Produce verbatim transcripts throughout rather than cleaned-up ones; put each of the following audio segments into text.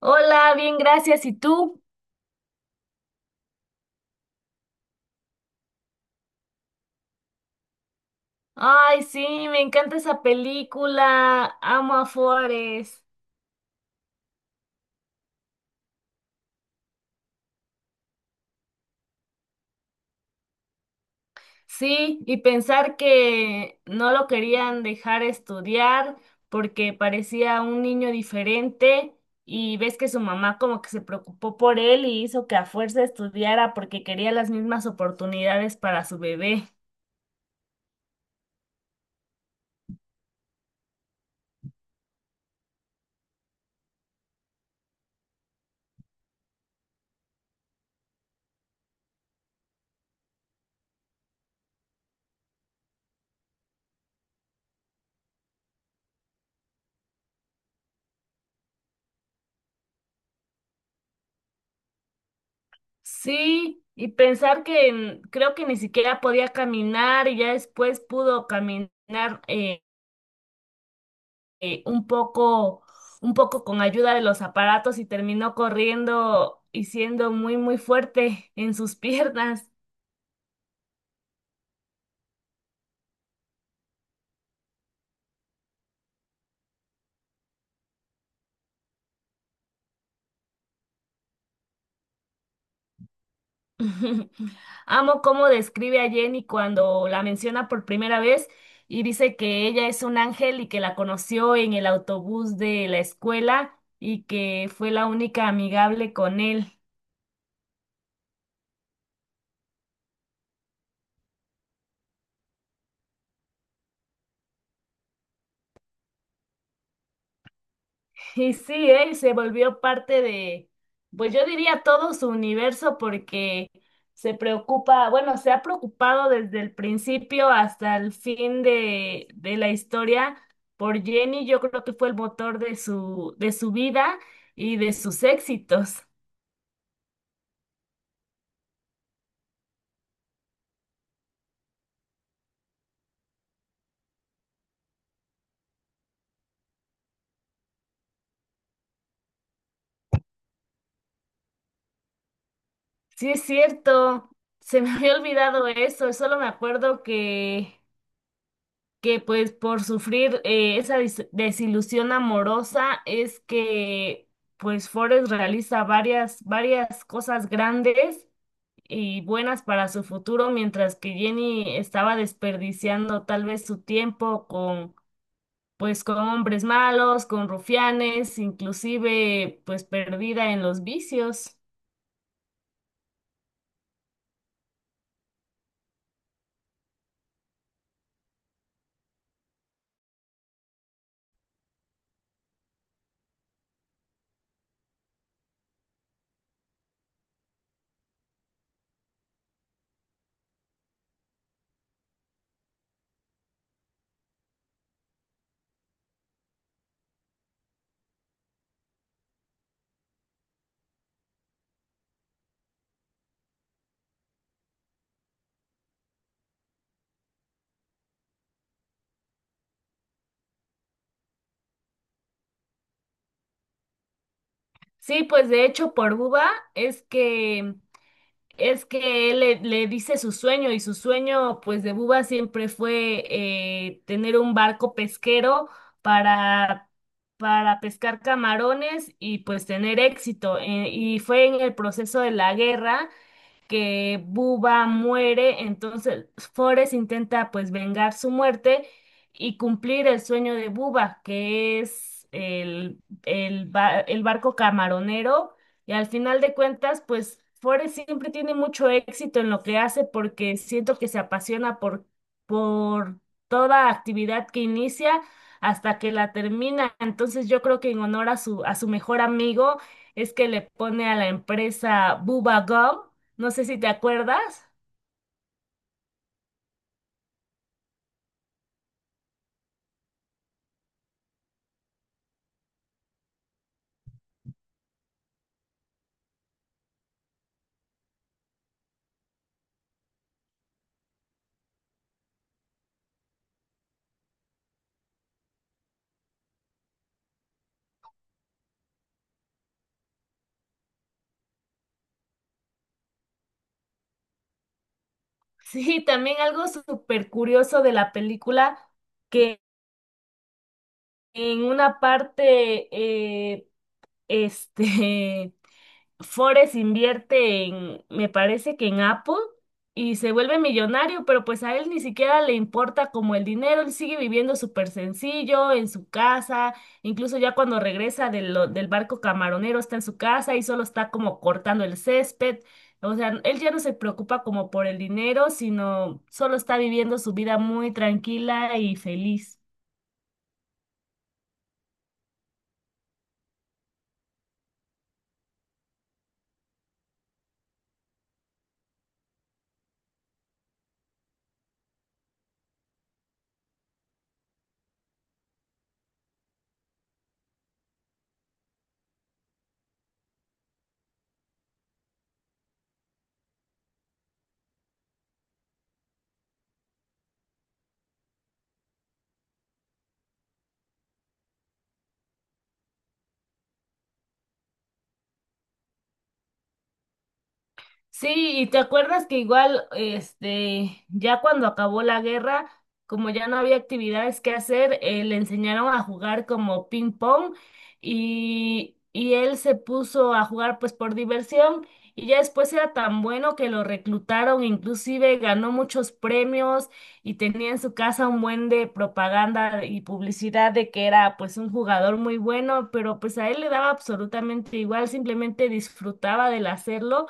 Hola, bien, gracias. ¿Y tú? Ay, sí, me encanta esa película. Amo a Forrest. Sí, y pensar que no lo querían dejar estudiar porque parecía un niño diferente y ves que su mamá como que se preocupó por él y hizo que a fuerza estudiara porque quería las mismas oportunidades para su bebé. Sí, y pensar que mm, creo que ni siquiera podía caminar y ya después pudo caminar. eh, eh, un poco, un poco con ayuda de los aparatos y terminó corriendo y siendo muy, muy fuerte en sus piernas. Amo cómo describe a Jenny cuando la menciona por primera vez y dice que ella es un ángel y que la conoció en el autobús de la escuela y que fue la única amigable con él. Y sí, él se volvió parte de, pues yo diría todo su universo porque se preocupa, bueno, se ha preocupado desde el principio hasta el fin de, de la historia por Jenny. Yo creo que fue el motor de su, de su vida y de sus éxitos. Sí, es cierto, se me había olvidado eso, solo me acuerdo que que pues por sufrir eh, esa dis- desilusión amorosa es que pues Forrest realiza varias, varias cosas grandes y buenas para su futuro, mientras que Jenny estaba desperdiciando tal vez su tiempo con pues con hombres malos, con rufianes, inclusive pues perdida en los vicios. Sí, pues de hecho por Buba es que es que él le, le dice su sueño y su sueño pues de Buba siempre fue eh, tener un barco pesquero para, para pescar camarones y pues tener éxito. Eh, y fue en el proceso de la guerra que Buba muere, entonces Forrest intenta pues vengar su muerte y cumplir el sueño de Buba, que es el, el, ba- el barco camaronero, y al final de cuentas pues Forrest siempre tiene mucho éxito en lo que hace porque siento que se apasiona por, por toda actividad que inicia hasta que la termina. Entonces yo creo que en honor a su, a su mejor amigo es que le pone a la empresa Bubba Gum, no sé si te acuerdas. Sí, también algo súper curioso de la película, que en una parte, eh, este, Forrest invierte en, me parece que en Apple, y se vuelve millonario, pero pues a él ni siquiera le importa como el dinero, él sigue viviendo súper sencillo en su casa, incluso ya cuando regresa de lo- del barco camaronero está en su casa y solo está como cortando el césped. O sea, él ya no se preocupa como por el dinero, sino solo está viviendo su vida muy tranquila y feliz. Sí, y te acuerdas que igual, este, ya cuando acabó la guerra, como ya no había actividades que hacer, eh, le enseñaron a jugar como ping pong y, y él se puso a jugar pues por diversión, y ya después era tan bueno que lo reclutaron, inclusive ganó muchos premios y tenía en su casa un buen de propaganda y publicidad de que era pues un jugador muy bueno, pero pues a él le daba absolutamente igual, simplemente disfrutaba del hacerlo.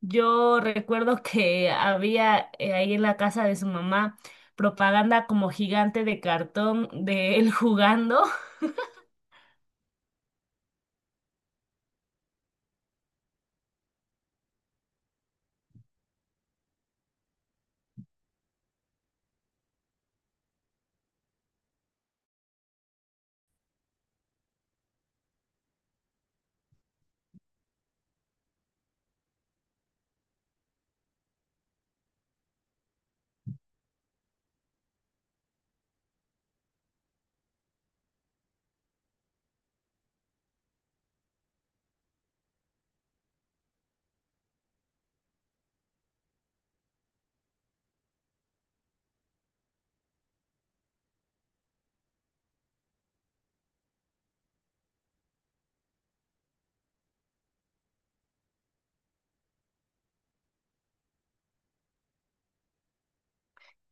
Yo recuerdo que había eh, ahí en la casa de su mamá propaganda como gigante de cartón de él jugando.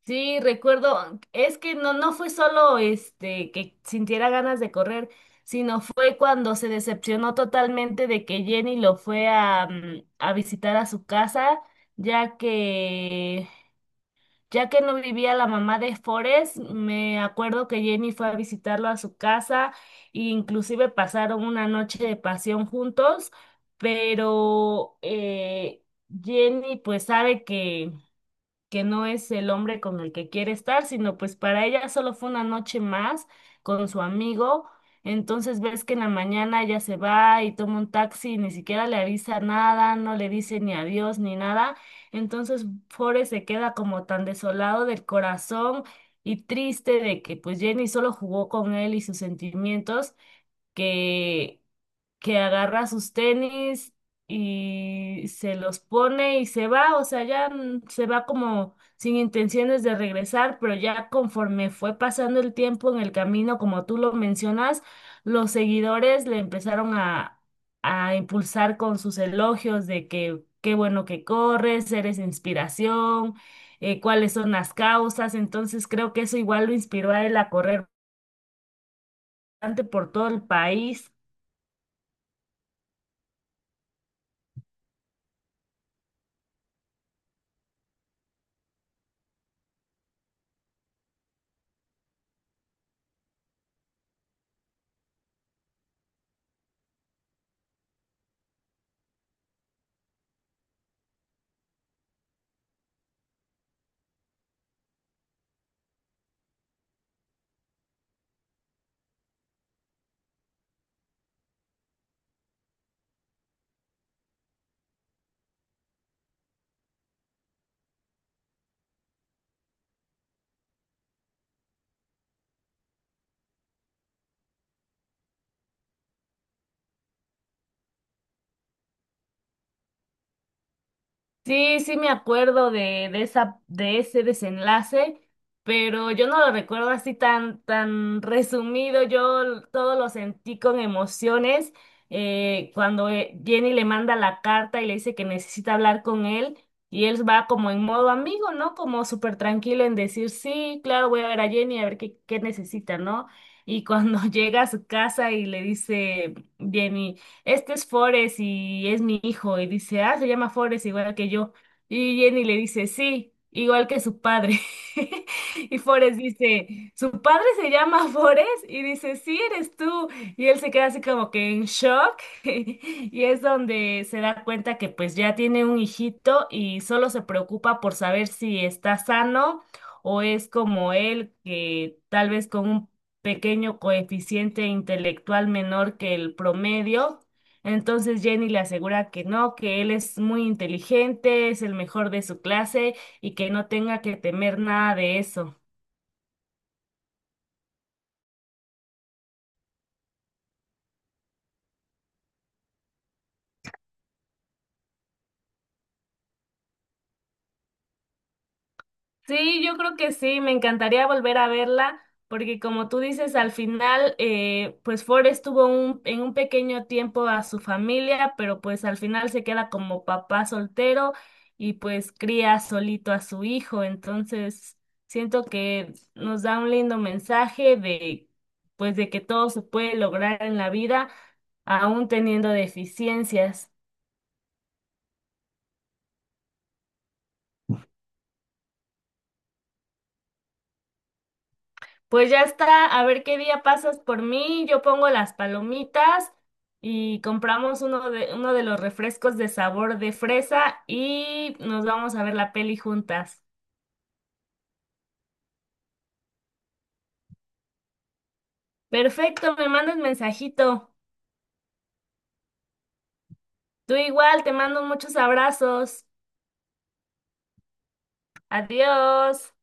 Sí, recuerdo, es que no, no fue solo este que sintiera ganas de correr, sino fue cuando se decepcionó totalmente de que Jenny lo fue a, mm, a visitar a su casa, ya que ya que no vivía la mamá de Forrest, me acuerdo que Jenny fue a visitarlo a su casa e inclusive pasaron una noche de pasión juntos, pero eh, Jenny pues sabe que que no es el hombre con el que quiere estar, sino pues para ella solo fue una noche más con su amigo. Entonces ves que en la mañana ella se va y toma un taxi y ni siquiera le avisa nada, no le dice ni adiós ni nada. Entonces Forrest se queda como tan desolado del corazón y triste de que pues Jenny solo jugó con él y sus sentimientos, que que agarra sus tenis y se los pone y se va. O sea, ya n- se va como sin intenciones de regresar, pero ya conforme fue pasando el tiempo en el camino, como tú lo mencionas, los seguidores le empezaron a, a impulsar con sus elogios de que qué bueno que corres, eres inspiración, eh, cuáles son las causas. Entonces creo que eso igual lo inspiró a él a correr bastante por todo el país. Sí, sí me acuerdo de, de esa, de ese desenlace, pero yo no lo recuerdo así tan, tan resumido. Yo l- todo lo sentí con emociones. Eh, cuando eh, Jenny le manda la carta y le dice que necesita hablar con él, y él va como en modo amigo, ¿no? Como súper tranquilo en decir, sí, claro, voy a ver a Jenny a ver qué, qué necesita, ¿no? Y cuando llega a su casa y le dice Jenny, este es Forrest y es mi hijo. Y dice, ah, se llama Forrest igual que yo. Y Jenny le dice, sí, igual que su padre. Y Forrest dice, ¿su padre se llama Forrest? Y dice, sí, eres tú. Y él se queda así como que en shock. Y es donde se da cuenta que pues ya tiene un hijito y solo se preocupa por saber si está sano o es como él, que tal vez con un pequeño coeficiente intelectual menor que el promedio. Entonces Jenny le asegura que no, que él es muy inteligente, es el mejor de su clase y que no tenga que temer nada de eso. Sí, yo creo que sí, me encantaría volver a verla, porque como tú dices, al final, eh, pues Ford estuvo un- en un pequeño tiempo a su familia, pero pues al final se queda como papá soltero y pues cría solito a su hijo. Entonces siento que nos da un lindo mensaje de, pues de que todo se puede lograr en la vida, aún teniendo deficiencias. Pues ya está, a ver qué día pasas por mí, yo pongo las palomitas y compramos uno de, uno de los refrescos de sabor de fresa y nos vamos a ver la peli juntas. Perfecto, me mandas mensajito. Tú igual, te mando muchos abrazos. Adiós.